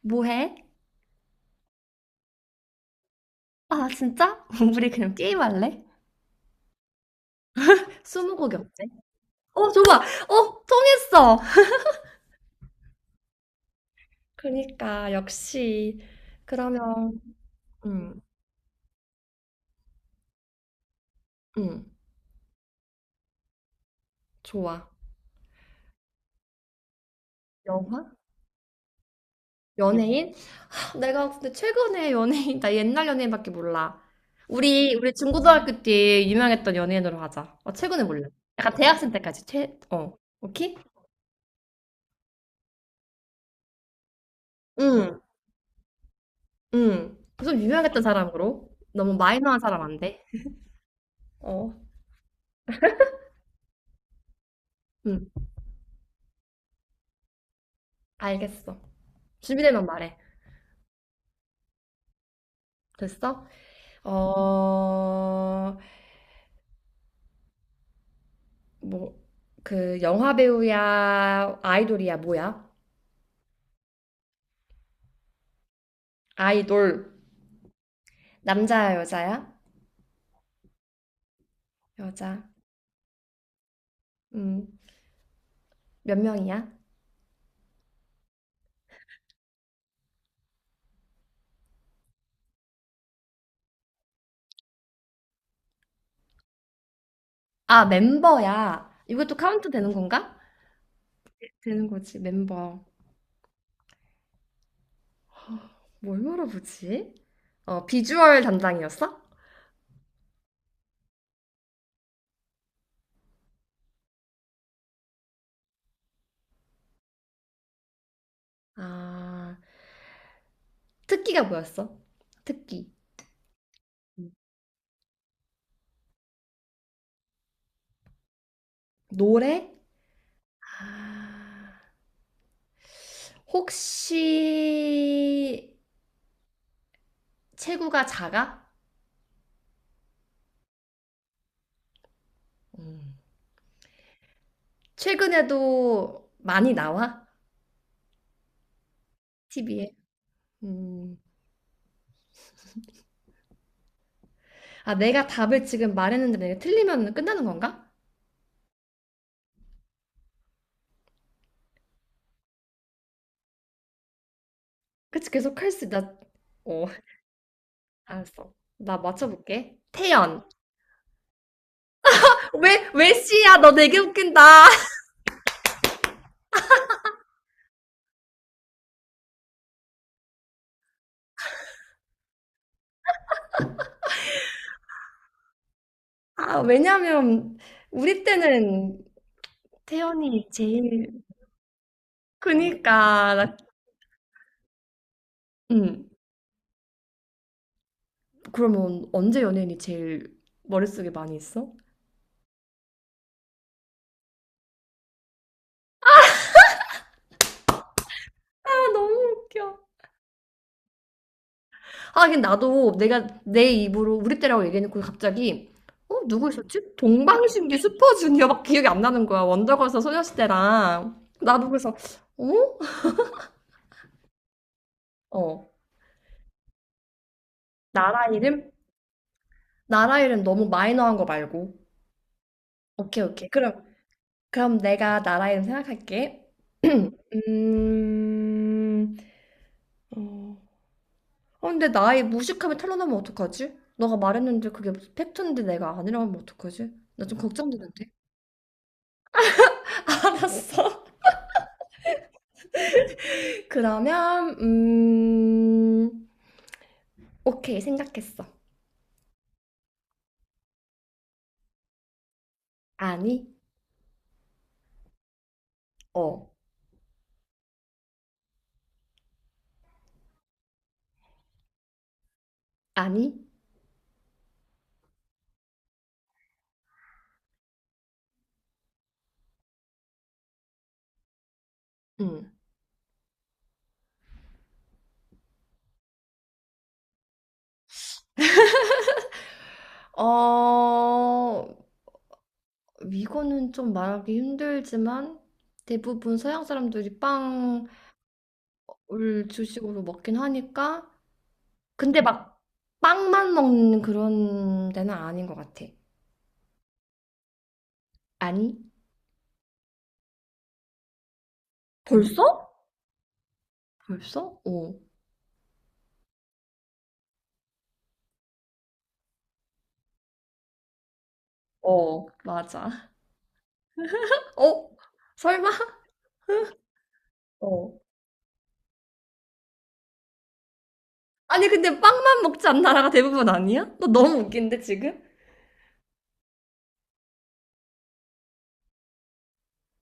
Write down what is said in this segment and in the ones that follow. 뭐 해? 아, 진짜? 우리 그냥 게임할래? 스무고개 어때? 어, 좋아! 어, 통했어! 그러니까, 역시. 그러면, 음, 음, 좋아. 영화? 연예인? 내가 근데 최근에 연예인, 나 옛날 연예인밖에 몰라. 우리 중고등학교 때 유명했던 연예인으로 하자. 어, 최근에 몰라. 약간 대학생 때까지 최, 오케이? 응, 응. 좀 유명했던 사람으로. 너무 마이너한 사람 안 돼. 어, 응, 알겠어. 준비되면 말해. 됐어? 어, 뭐, 영화 배우야, 아이돌이야, 뭐야? 아이돌. 남자야, 여자야? 여자. 음, 몇 명이야? 아, 멤버야. 이것도 카운트 되는 건가? 되는 거지, 멤버. 뭘 물어보지? 어, 비주얼 담당이었어? 아, 특기가 뭐였어? 특기. 음. 노래? 아, 혹시 체구가 작아? 음. 최근에도 많이 나와? TV에? 음. 아, 내가 답을 지금 말했는데 내가 틀리면 끝나는 건가? 그치, 계속 할 수, 나, 어, 알았어. 나 맞춰볼게. 태연. 왜, 왜 씨야? 너 되게 웃긴다. 아, 왜냐면, 우리 때는 태연이 제일, 그니까, 나, 음. 그러면 언제 연예인이 제일 머릿속에 많이 있어? 아, 너무 웃겨. 아, 근데 나도 내가 내 입으로 우리 때라고 얘기해놓고 갑자기 어, 누구 있었지? 동방신기 슈퍼주니어밖에 기억이 안 나는 거야. 원더걸스 소녀시대랑. 나도 그래서 어? 어. 나라 이름? 나라 이름 너무 마이너한 거 말고. 오케이, 오케이. 그럼 내가 나라 이름 생각할게. 음. 어. 어, 근데 나의 무식함이 탄로나면 어떡하지? 너가 말했는데 그게 팩트인데 내가 아니라면 어떡하지? 나 좀 걱정되는데. 알았어. 그러면 오케이 생각했어. 아니. 어. 아니. 음. 어. 이거는 좀 말하기 힘들지만 대부분 서양 사람들이 빵을 주식으로 먹긴 하니까 근데 막 빵만 먹는 그런 데는 아닌 것 같아. 아니. 벌써? 벌써? 어. 어, 맞아. 어? 설마? 어. 아니 근데 빵만 먹지 않는 나라가 대부분 아니야? 너 너무 웃긴데 지금?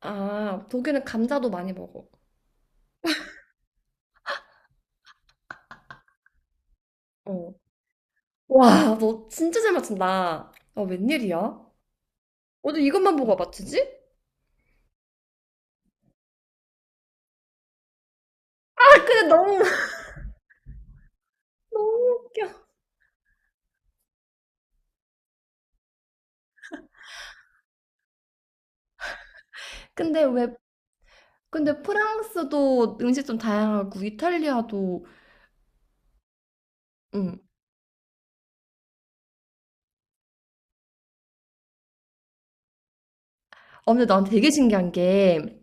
아, 독일은 감자도 많이 먹어. 어. 와, 너 진짜 잘 맞춘다. 어, 웬일이야? 어제 이것만 보고 맞추지? 아, 근데 너무 너무 웃겨. 근데 왜. 근데 프랑스도 음식 좀 다양하고 이탈리아도. 음. 어, 근데 난 되게 신기한 게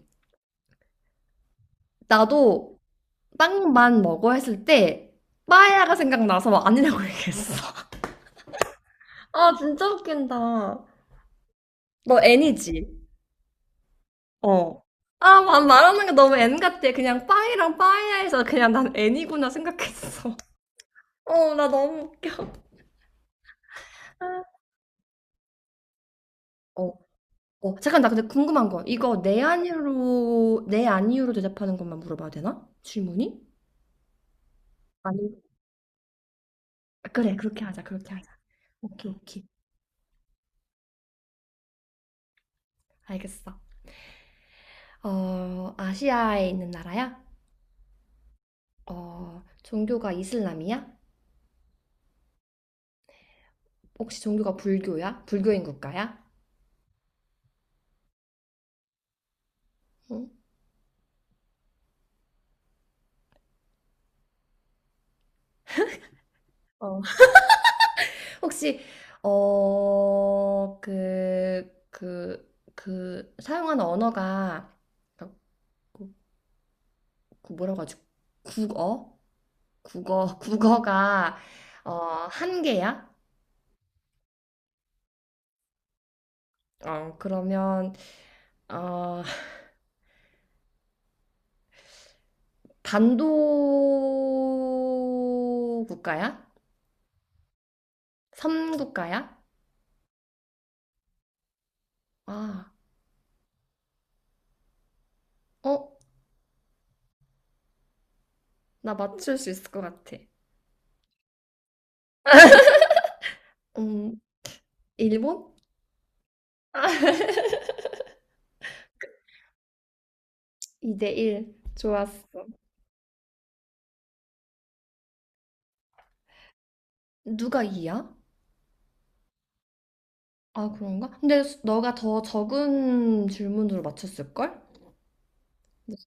나도 빵만 먹어 했을 때 빠에야가 생각나서 아니라고 얘기했어. 아, 진짜 웃긴다. 너 애니지? 어. 아, 마- 말하는 게 너무 N 같아. 그냥 빵이랑 빵이야에서 그냥 난 N이구나 생각했어. 어, 나 너무 웃겨. 어, 잠깐, 나 근데 궁금한 거. 이거 내 아니요로, 내 아니요로 대답하는 것만 물어봐도 되나? 질문이? 아니. 아, 그래, 그렇게 하자. 오케이, 오케이. 알겠어. 어, 아시아에 있는 나라야? 어, 종교가 이슬람이야? 혹시 종교가 불교야? 불교인 국가야? 응? 혹시 어, 그 사용하는 언어가 그, 그 뭐라고 하죠? 국어? 국어, 국어가 어, 한 개야? 어, 그러면 어, 반도 국가야? 섬 국가야? 아, 어, 나 맞출 수 있을 것 같아. 음, 일본? 2대1. 좋았어. 누가 이야. 아, 그런가? 근데 수- 너가 더 적은 질문으로 맞췄을걸? 근데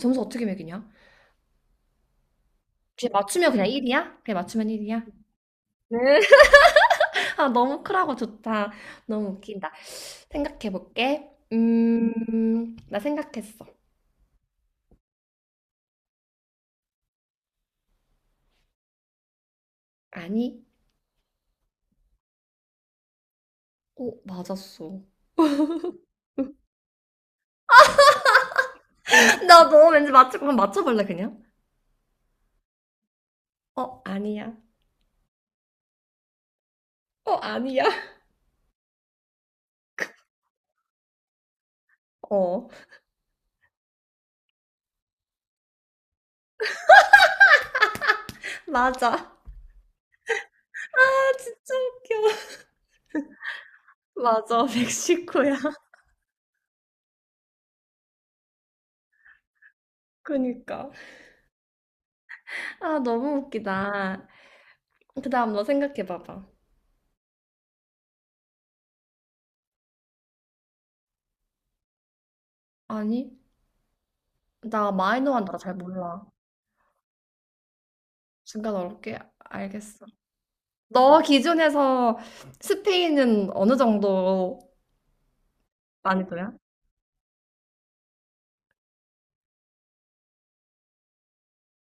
점수 어떻게 매기냐? 그냥 맞추면 그냥 1이야? 그냥 맞추면 1이야? 네. 아, 너무 크라고 좋다. 너무 웃긴다. 생각해볼게. 나 생각했어. 아니. 오, 맞았어. 나 너 왠지 맞출 거면 맞춰볼래, 그냥? 어, 아니야. 어, 아니야. 어, 맞아. 아, 진짜 웃겨. 맞아, 멕시코야. 그니까. 아, 너무 웃기다. 그 다음 너 생각해봐봐. 아니, 나 마이너한 나라 잘 몰라. 중간 어렵게 알겠어. 너 기준에서 스페인은 어느 정도 난이도야?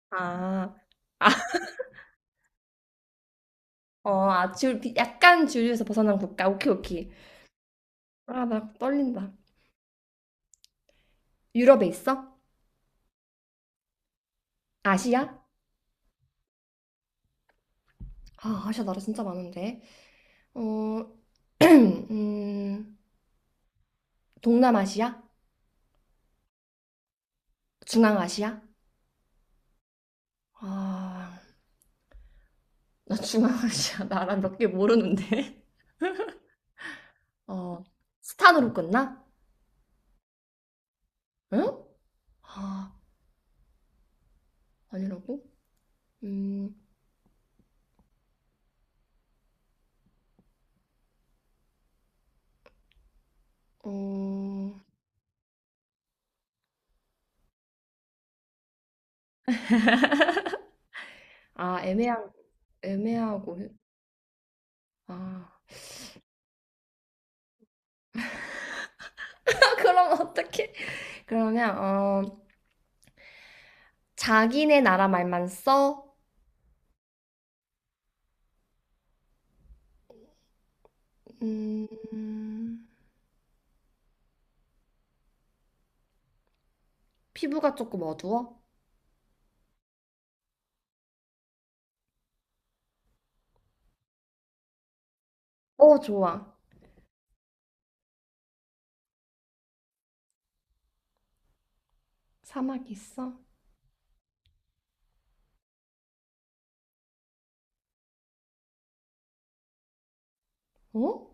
아, 아, 아, 줄, 비- 약간 주류에서 벗어난 국가. 오케이, 오케이. 아, 나 떨린다. 유럽에 있어? 아시아? 아, 아시아 나라 진짜 많은데. 어, 음, 동남아시아? 중앙아시아? 아, 나 중앙아시아 나라 몇 개 모르는데. 어, 스탄으로 끝나? 응? 아, 아니라고? 음, 어, 아, 애매한, 애매하고, 아. 그럼 어떡해? 그러면, 어, 자기네 나라 말만 써? 음, 피부가 조금 어두워? 어, 좋아. 사막 있어? 어?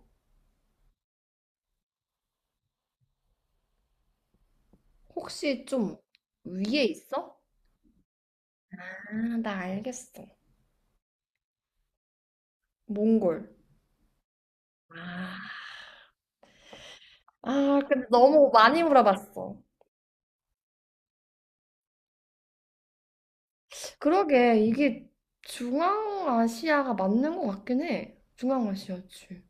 혹시 좀 위에 있어? 아, 나 알겠어. 몽골. 아, 아, 근데 너무 많이 물어봤어. 그러게, 이게 중앙아시아가 맞는 것 같긴 해. 중앙아시아지.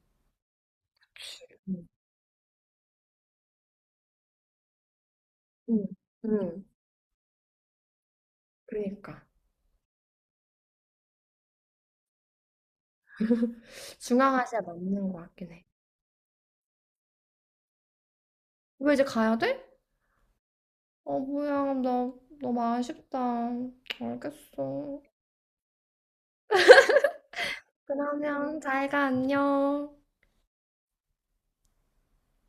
응, 응, 응. 그러니까. 중앙아시아 맞는 것 같긴 해. 왜 이제 가야 돼? 어, 뭐야, 나 너무 아쉽다. 알겠어. 그러면 잘 가, 안녕.